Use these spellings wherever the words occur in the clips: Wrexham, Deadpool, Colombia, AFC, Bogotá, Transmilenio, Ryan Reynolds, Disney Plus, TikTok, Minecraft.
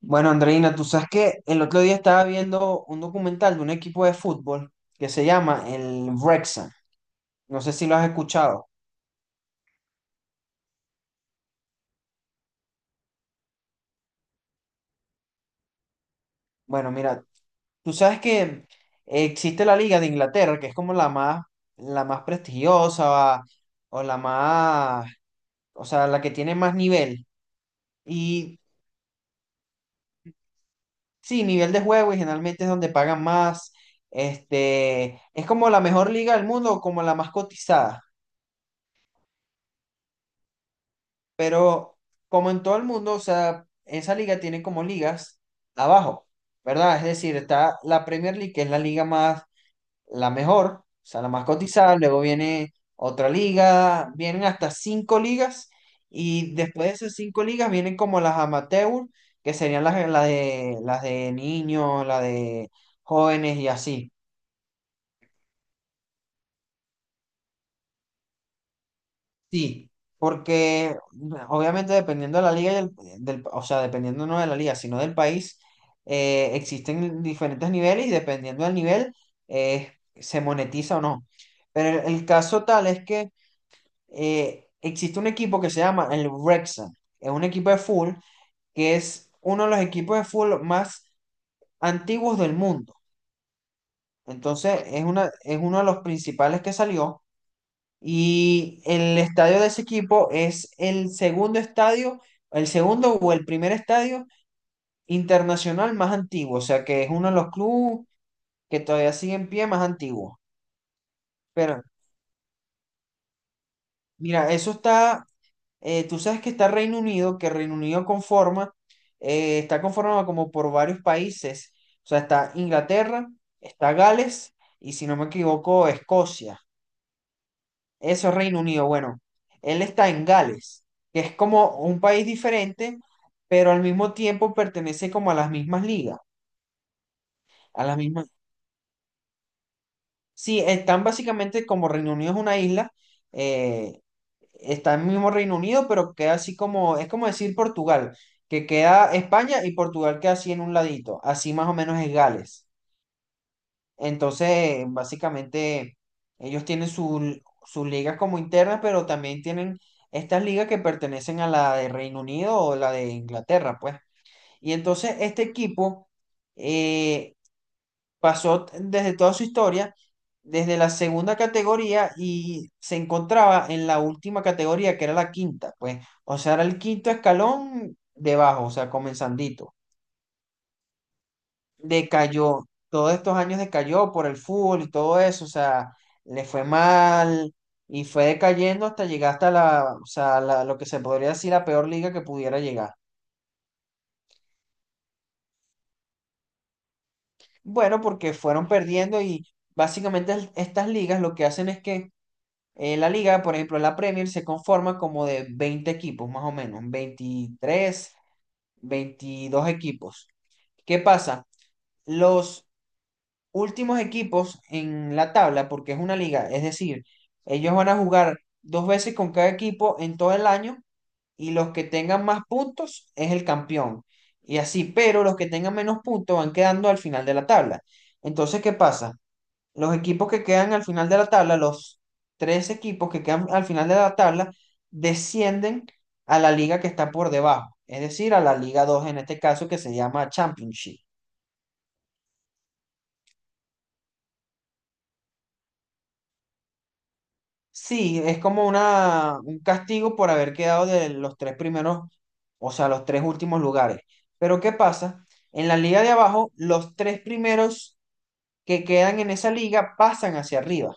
Bueno, Andreina, tú sabes que el otro día estaba viendo un documental de un equipo de fútbol que se llama el Wrexham. No sé si lo has escuchado. Bueno, mira, tú sabes que existe la Liga de Inglaterra, que es como la más prestigiosa o la más, o sea, la que tiene más nivel. Y sí, nivel de juego y generalmente es donde pagan más. Es como la mejor liga del mundo, como la más cotizada. Pero como en todo el mundo, o sea, esa liga tiene como ligas abajo, ¿verdad? Es decir, está la Premier League, que es la mejor, o sea, la más cotizada, luego viene otra liga, vienen hasta cinco ligas y después de esas cinco ligas vienen como las amateur, que serían las de niños, las de jóvenes y así. Sí, porque obviamente dependiendo de la liga y o sea, dependiendo no de la liga, sino del país, existen diferentes niveles y dependiendo del nivel, eh, se monetiza o no. Pero el caso tal es que existe un equipo que se llama el Wrexham, es un equipo de fútbol que es uno de los equipos de fútbol más antiguos del mundo. Entonces, es uno de los principales que salió. Y el estadio de ese equipo es el segundo o el primer estadio internacional más antiguo, o sea que es uno de los clubes que todavía sigue en pie más antiguo. Pero mira, tú sabes que está Reino Unido, que Reino Unido está conformado como por varios países, o sea, está Inglaterra, está Gales y si no me equivoco, Escocia. Eso es Reino Unido. Bueno, él está en Gales, que es como un país diferente, pero al mismo tiempo pertenece como a a las mismas. Sí, están básicamente como Reino Unido es una isla, eh, está en el mismo Reino Unido, pero queda así como, es como decir Portugal, que queda España y Portugal queda así en un ladito, así más o menos es Gales. Entonces, básicamente, ellos tienen sus ligas como internas, pero también tienen estas ligas que pertenecen a la de Reino Unido o la de Inglaterra, pues. Y entonces, este equipo eh, desde toda su historia, desde la segunda categoría y se encontraba en la última categoría, que era la quinta, pues. O sea, era el quinto escalón debajo, o sea, comenzandito decayó, todos estos años decayó por el fútbol y todo eso, o sea, le fue mal y fue decayendo hasta llegar hasta o sea, lo que se podría decir la peor liga que pudiera llegar. Bueno, porque fueron perdiendo y básicamente estas ligas lo que hacen es que la liga, por ejemplo, la Premier se conforma como de 20 equipos, más o menos, 23 22 equipos. ¿Qué pasa? Los últimos equipos en la tabla, porque es una liga, es decir, ellos van a jugar dos veces con cada equipo en todo el año y los que tengan más puntos es el campeón. Y así, pero los que tengan menos puntos van quedando al final de la tabla. Entonces, ¿qué pasa? Los equipos que quedan al final de la tabla, los tres equipos que quedan al final de la tabla, descienden a la liga que está por debajo, es decir, a la Liga 2 en este caso que se llama Championship. Sí, es como un castigo por haber quedado de los tres primeros, o sea, los tres últimos lugares. Pero ¿qué pasa? En la liga de abajo, los tres primeros que quedan en esa liga pasan hacia arriba.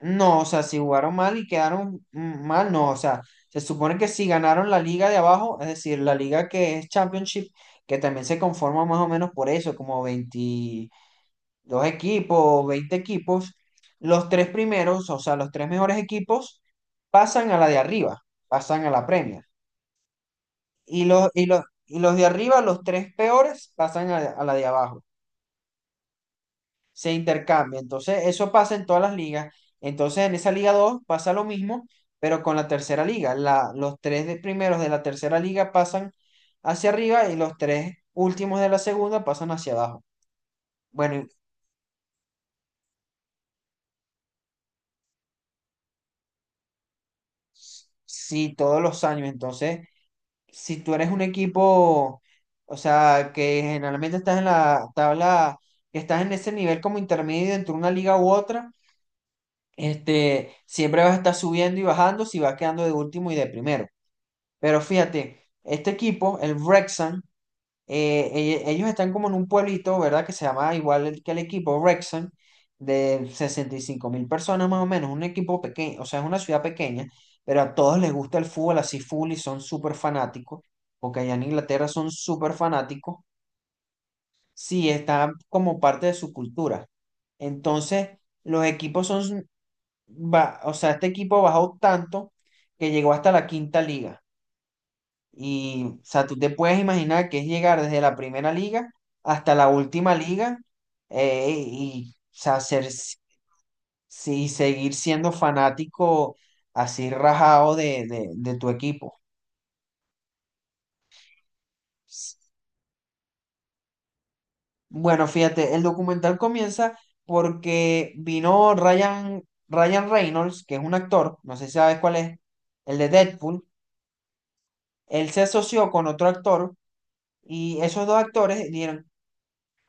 No, o sea, si jugaron mal y quedaron mal, no, o sea, se supone que si ganaron la liga de abajo, es decir, la liga que es Championship, que también se conforma más o menos por eso, como 20 dos equipos, 20 equipos, los tres primeros, o sea, los tres mejores equipos, pasan a la de arriba, pasan a la Premier. Y los de arriba, los tres peores, pasan a la de abajo. Se intercambia. Entonces, eso pasa en todas las ligas. Entonces, en esa Liga 2 pasa lo mismo, pero con la tercera liga. Los tres primeros de la tercera liga pasan hacia arriba y los tres últimos de la segunda pasan hacia abajo. Bueno, y sí, todos los años. Entonces, si tú eres un equipo, o sea, que generalmente estás en la tabla, que estás en ese nivel como intermedio entre una liga u otra, siempre vas a estar subiendo y bajando si vas quedando de último y de primero. Pero fíjate, este equipo, el Wrexham, eh, ellos están como en un pueblito, ¿verdad? Que se llama igual que el equipo, Wrexham, de 65.000 personas más o menos, un equipo pequeño, o sea, es una ciudad pequeña, pero a todos les gusta el fútbol así full y son súper fanáticos, porque allá en Inglaterra son súper fanáticos, sí, está como parte de su cultura. Entonces, los equipos son, va- o sea, este equipo bajó tanto que llegó hasta la quinta liga. Y, o sea, tú te puedes imaginar que es llegar desde la primera liga hasta la última liga o sea, sí, seguir siendo fanático así rajado de tu equipo. Bueno, fíjate, el documental comienza porque vino Ryan Reynolds, que es un actor, no sé si sabes cuál es, el de Deadpool. Él se asoció con otro actor y esos dos actores dieron,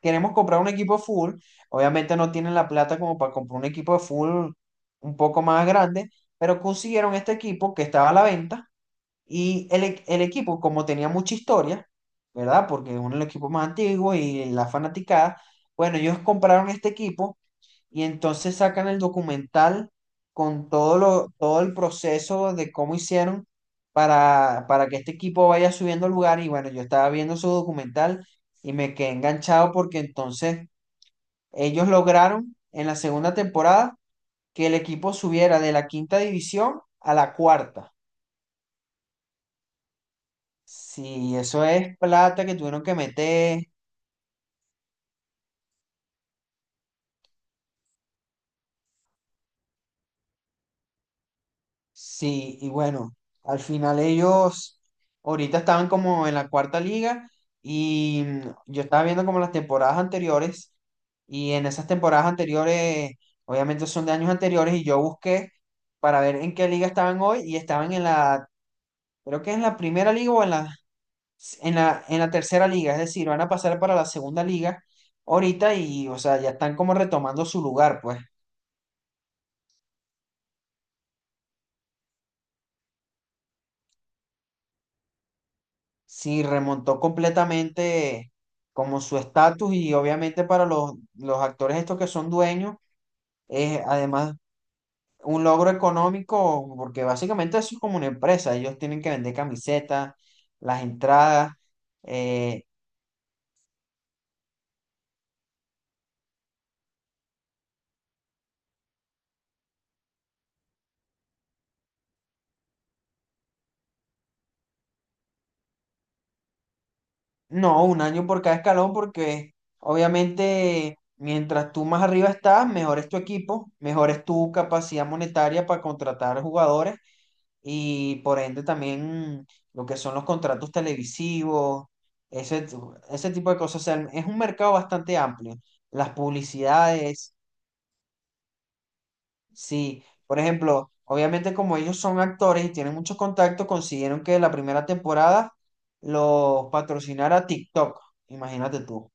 queremos comprar un equipo full, obviamente no tienen la plata como para comprar un equipo full un poco más grande, pero consiguieron este equipo que estaba a la venta y el equipo, como tenía mucha historia, ¿verdad? Porque es uno de los equipos más antiguos y la fanaticada, bueno, ellos compraron este equipo y entonces sacan el documental con todo el proceso de cómo hicieron para que este equipo vaya subiendo al lugar. Y bueno, yo estaba viendo su documental y me quedé enganchado porque entonces ellos lograron en la segunda temporada que el equipo subiera de la quinta división a la cuarta. Sí, eso es plata que tuvieron que meter. Sí, y bueno, al final ellos ahorita estaban como en la cuarta liga y yo estaba viendo como las temporadas anteriores y en esas temporadas anteriores, obviamente son de años anteriores y yo busqué para ver en qué liga estaban hoy y estaban en la, creo que en la primera liga o en la tercera liga, es decir, van a pasar para la segunda liga ahorita y, o sea, ya están como retomando su lugar, pues. Sí, remontó completamente como su estatus y obviamente para los actores estos que son dueños es además un logro económico porque básicamente eso es como una empresa, ellos tienen que vender camisetas, las entradas, eh, no, un año por cada escalón porque obviamente mientras tú más arriba estás, mejor es tu equipo, mejor es tu capacidad monetaria para contratar jugadores y por ende también lo que son los contratos televisivos, ese, ese tipo de cosas. O sea, es un mercado bastante amplio. Las publicidades, sí. Por ejemplo, obviamente como ellos son actores y tienen mucho contacto, consiguieron que la primera temporada los patrocinara TikTok. Imagínate tú.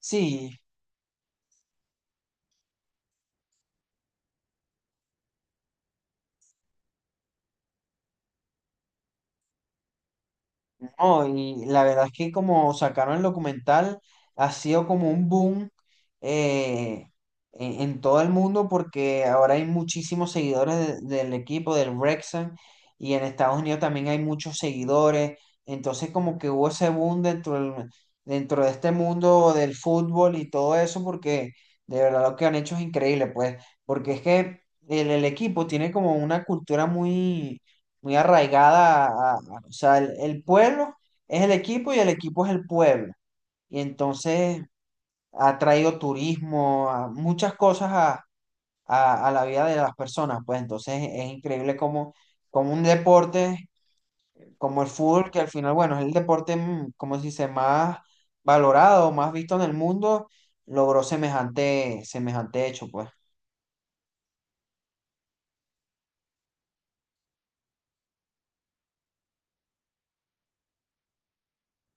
Sí, no, y la verdad es que como sacaron el documental, ha sido como un boom eh, en todo el mundo porque ahora hay muchísimos seguidores del equipo, del Wrexham, y en Estados Unidos también hay muchos seguidores. Entonces como que hubo ese boom dentro de este mundo del fútbol y todo eso porque de verdad lo que han hecho es increíble, pues, porque es que el equipo tiene como una cultura muy muy arraigada, o sea, el pueblo es el equipo y el equipo es el pueblo. Y entonces ha traído turismo, a muchas cosas a la vida de las personas. Pues entonces es increíble como, como un deporte como el fútbol, que al final, bueno, es el deporte, como se dice, más valorado, más visto en el mundo, logró semejante, semejante hecho, pues.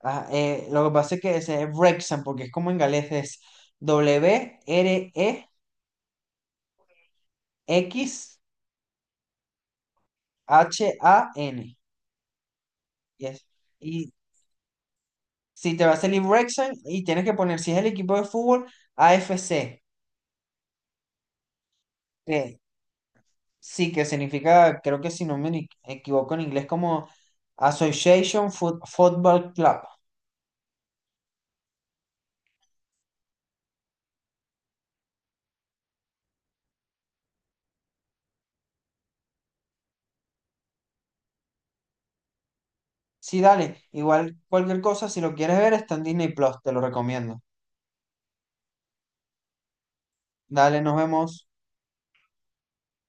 Ah, lo que pasa es que ese es Wrexham, porque es como en galés, es Wrex. Han. Yes. Y si te va a salir Wrexham y tienes que poner, si es el equipo de fútbol, AFC. Que sí, que significa, creo que si no me equivoco en inglés, como Association Football Club. Sí, dale. Igual cualquier cosa, si lo quieres ver, está en Disney Plus. Te lo recomiendo. Dale, nos vemos.